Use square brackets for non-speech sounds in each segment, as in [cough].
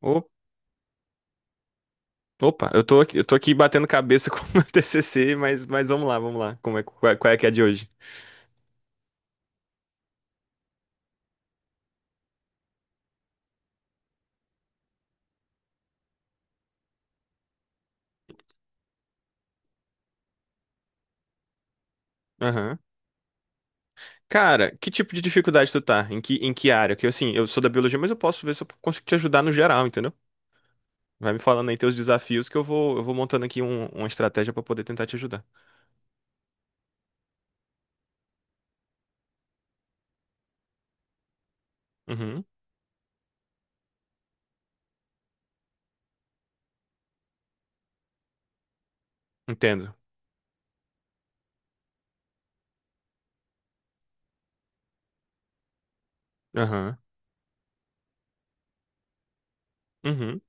Ô, opa, eu tô aqui, batendo cabeça [laughs] com o meu TCC, mas vamos lá, vamos lá. Como é, qual, qual é que é a de hoje? Aham. Cara, que tipo de dificuldade tu tá? Em que área? Que assim, eu sou da biologia, mas eu posso ver se eu consigo te ajudar no geral, entendeu? Vai me falando aí teus desafios que eu vou montando aqui uma estratégia pra poder tentar te ajudar. Uhum, entendo. Aham. Uhum.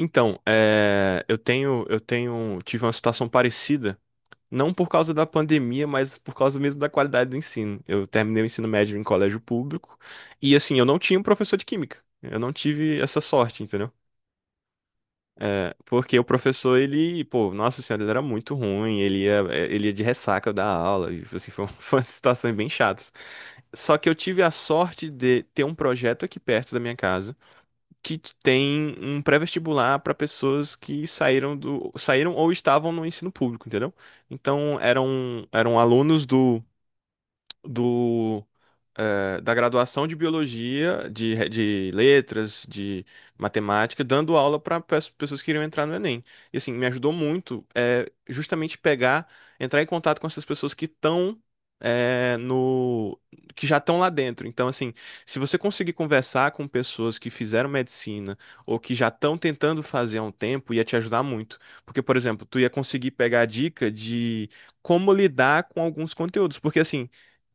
Então, é, tive uma situação parecida. Não por causa da pandemia, mas por causa mesmo da qualidade do ensino. Eu terminei o ensino médio em colégio público e, assim, eu não tinha um professor de química. Eu não tive essa sorte, entendeu? É, porque o professor, ele, pô, nossa senhora, ele era muito ruim, ele ia de ressaca da aula, e, assim, foi, [laughs] foram situações bem chatas. Só que eu tive a sorte de ter um projeto aqui perto da minha casa que tem um pré-vestibular para pessoas que saíram ou estavam no ensino público, entendeu? Então eram alunos do da graduação de biologia, de, de letras, de matemática, dando aula para pessoas que queriam entrar no Enem. E assim, me ajudou muito, é, justamente entrar em contato com essas pessoas que estão eh, no que já estão lá dentro. Então, assim, se você conseguir conversar com pessoas que fizeram medicina ou que já estão tentando fazer há um tempo, ia te ajudar muito. Porque, por exemplo, tu ia conseguir pegar a dica de como lidar com alguns conteúdos. Porque assim,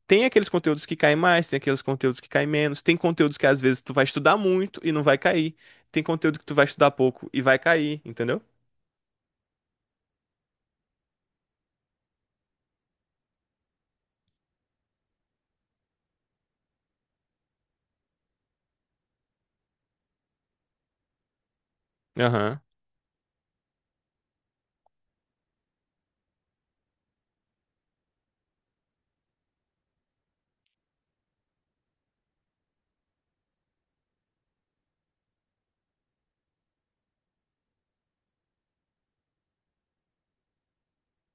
tem aqueles conteúdos que caem mais, tem aqueles conteúdos que caem menos, tem conteúdos que às vezes tu vai estudar muito e não vai cair, tem conteúdo que tu vai estudar pouco e vai cair, entendeu? Aham,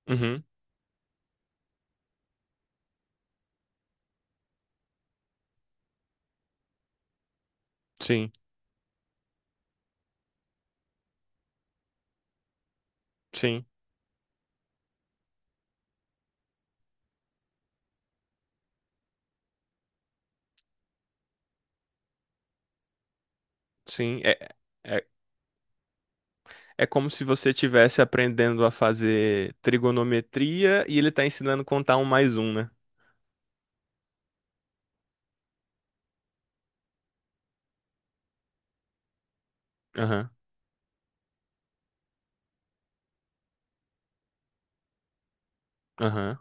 uhum, sim, sim, sim. É, é como se você estivesse aprendendo a fazer trigonometria e ele tá ensinando a contar um mais um, né? Aham, aham.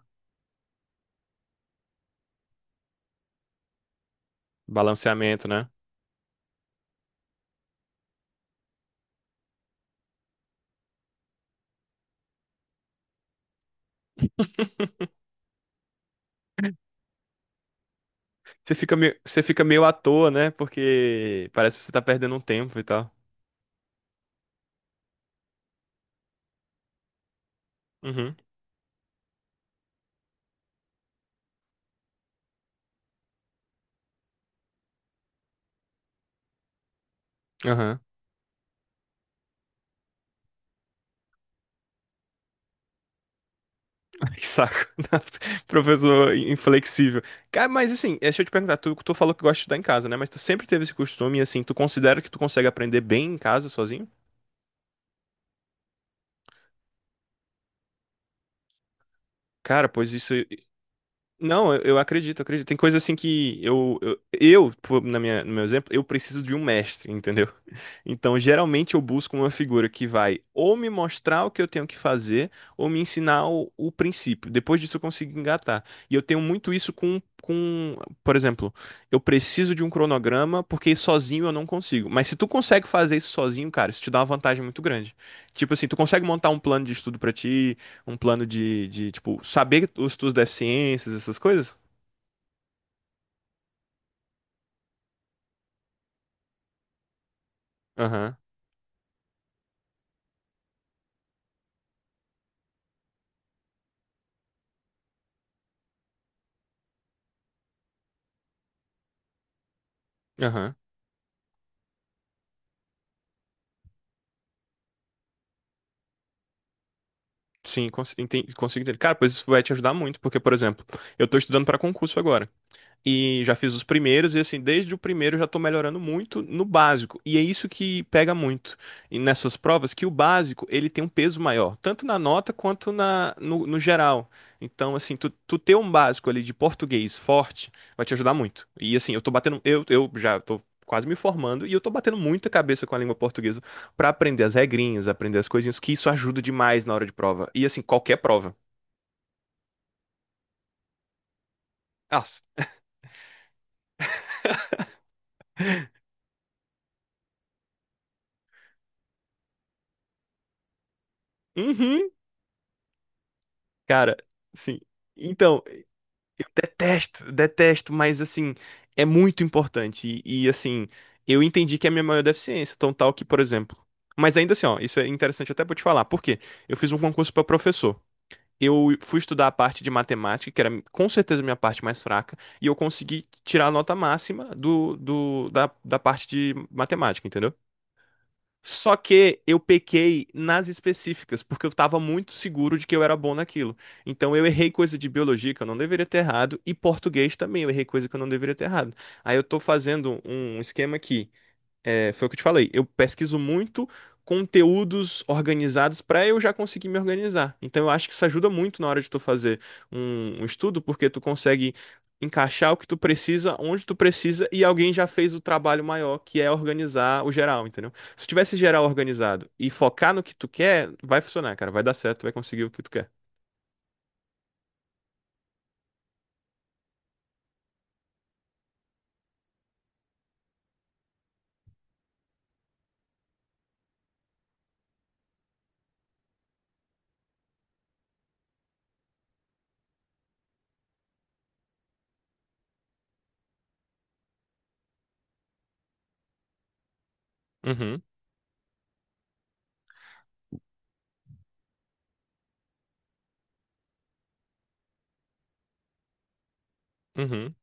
Balanceamento, né? [laughs] Você fica meio à toa, né? Porque parece que você tá perdendo um tempo e tal. Uhum, aham. Que saco, [laughs] professor inflexível. Cara, mas assim, é, deixa eu te perguntar, tu falou que gosta de estudar em casa, né? Mas tu sempre teve esse costume, assim, tu considera que tu consegue aprender bem em casa sozinho? Cara, pois isso. Não, eu acredito, eu acredito. Tem coisa assim que pô, no meu exemplo, eu preciso de um mestre, entendeu? [laughs] Então, geralmente eu busco uma figura que vai ou me mostrar o que eu tenho que fazer, ou me ensinar o princípio. Depois disso eu consigo engatar. E eu tenho muito isso por exemplo, eu preciso de um cronograma porque sozinho eu não consigo. Mas se tu consegue fazer isso sozinho, cara, isso te dá uma vantagem muito grande. Tipo assim, tu consegue montar um plano de estudo pra ti, um plano tipo, saber os tuas deficiências, essas coisas? Aham, aham. Sim, consigo entender. Cara, pois isso vai te ajudar muito, porque, por exemplo, eu tô estudando pra concurso agora. E já fiz os primeiros, e assim, desde o primeiro eu já tô melhorando muito no básico. E é isso que pega muito e nessas provas, que o básico, ele tem um peso maior, tanto na nota quanto na, no, no geral. Então, assim, tu ter um básico ali de português forte vai te ajudar muito. E assim, eu já tô quase me formando e eu tô batendo muita cabeça com a língua portuguesa pra aprender as regrinhas, aprender as coisinhas, que isso ajuda demais na hora de prova. E assim, qualquer prova. Ah, uhum, cara, sim. Então, eu detesto, detesto, mas assim, é muito importante. E, assim, eu entendi que é a minha maior deficiência, tão tal que, por exemplo. Mas ainda assim, ó, isso é interessante até pra eu te falar. Por quê? Eu fiz um concurso pra professor. Eu fui estudar a parte de matemática, que era com certeza a minha parte mais fraca, e eu consegui tirar a nota máxima da parte de matemática, entendeu? Só que eu pequei nas específicas, porque eu estava muito seguro de que eu era bom naquilo. Então eu errei coisa de biologia que eu não deveria ter errado, e português também eu errei coisa que eu não deveria ter errado. Aí eu tô fazendo um esquema aqui, é, foi o que eu te falei. Eu pesquiso muito conteúdos organizados para eu já conseguir me organizar. Então, eu acho que isso ajuda muito na hora de tu fazer um estudo, porque tu consegue encaixar o que tu precisa, onde tu precisa, e alguém já fez o trabalho maior, que é organizar o geral, entendeu? Se tivesse geral organizado e focar no que tu quer, vai funcionar, cara. Vai dar certo, vai conseguir o que tu quer. Uhum, uhum.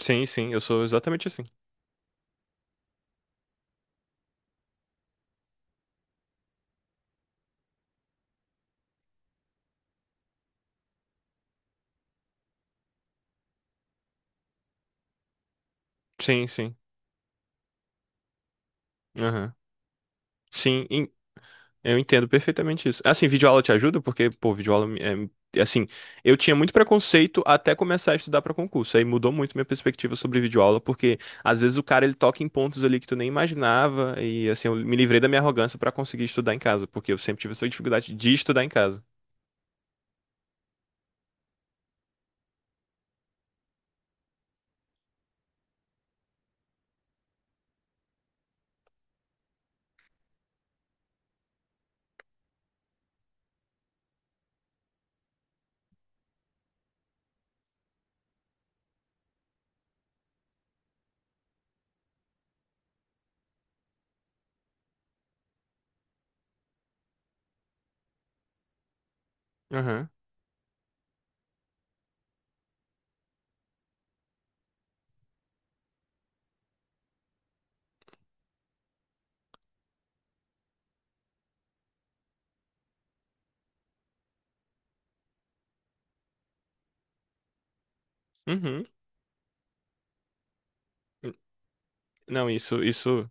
Sim, sim, eu sou exatamente assim. Sim, sim. Aham. Sim, eu entendo perfeitamente isso. Assim, videoaula te ajuda? Porque, pô, videoaula, assim, eu tinha muito preconceito até começar a estudar para concurso. Aí mudou muito minha perspectiva sobre videoaula, porque às vezes o cara ele toca em pontos ali que tu nem imaginava. E, assim, eu me livrei da minha arrogância para conseguir estudar em casa, porque eu sempre tive essa dificuldade de estudar em casa. Aham. Uhum. Não, isso, isso.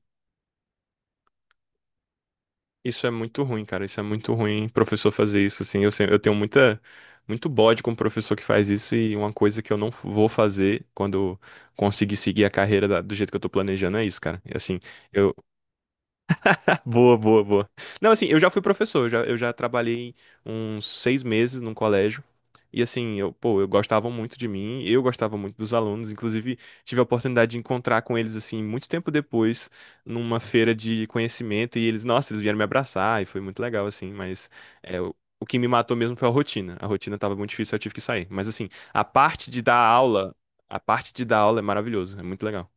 Isso é muito ruim, cara. Isso é muito ruim, professor fazer isso, assim. Eu, sempre, muito bode com o professor que faz isso e uma coisa que eu não vou fazer quando conseguir seguir a carreira do jeito que eu tô planejando é isso, cara. E, assim, eu, boa, boa, boa. Não, assim, eu já fui professor, eu já trabalhei uns 6 meses num colégio. E assim, eu, pô, eu gostava muito de mim, eu gostava muito dos alunos, inclusive tive a oportunidade de encontrar com eles, assim, muito tempo depois, numa feira de conhecimento, e eles, nossa, eles vieram me abraçar, e foi muito legal, assim, mas é, o que me matou mesmo foi a rotina. A rotina tava muito difícil, eu tive que sair. Mas assim, a parte de dar aula, a parte de dar aula é maravilhoso, é muito legal.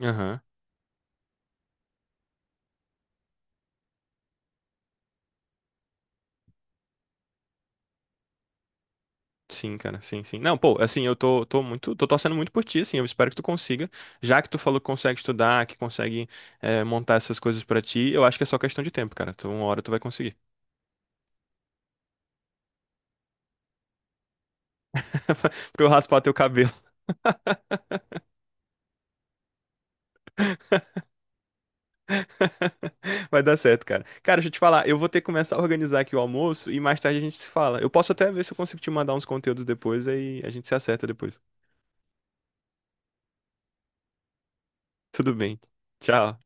Aham. Sim, cara, sim, sim. Não, pô, assim, tô muito, tô torcendo muito por ti, assim, eu espero que tu consiga, já que tu falou que consegue estudar, que consegue montar essas coisas pra ti, eu acho que é só questão de tempo, cara, tu, uma hora tu vai conseguir, [laughs] pra eu raspar teu cabelo, [laughs] vai dar certo, cara. Cara, deixa eu te falar, eu vou ter que começar a organizar aqui o almoço e mais tarde a gente se fala, eu posso até ver se eu consigo te mandar uns conteúdos depois, aí a gente se acerta depois. Tudo bem, tchau.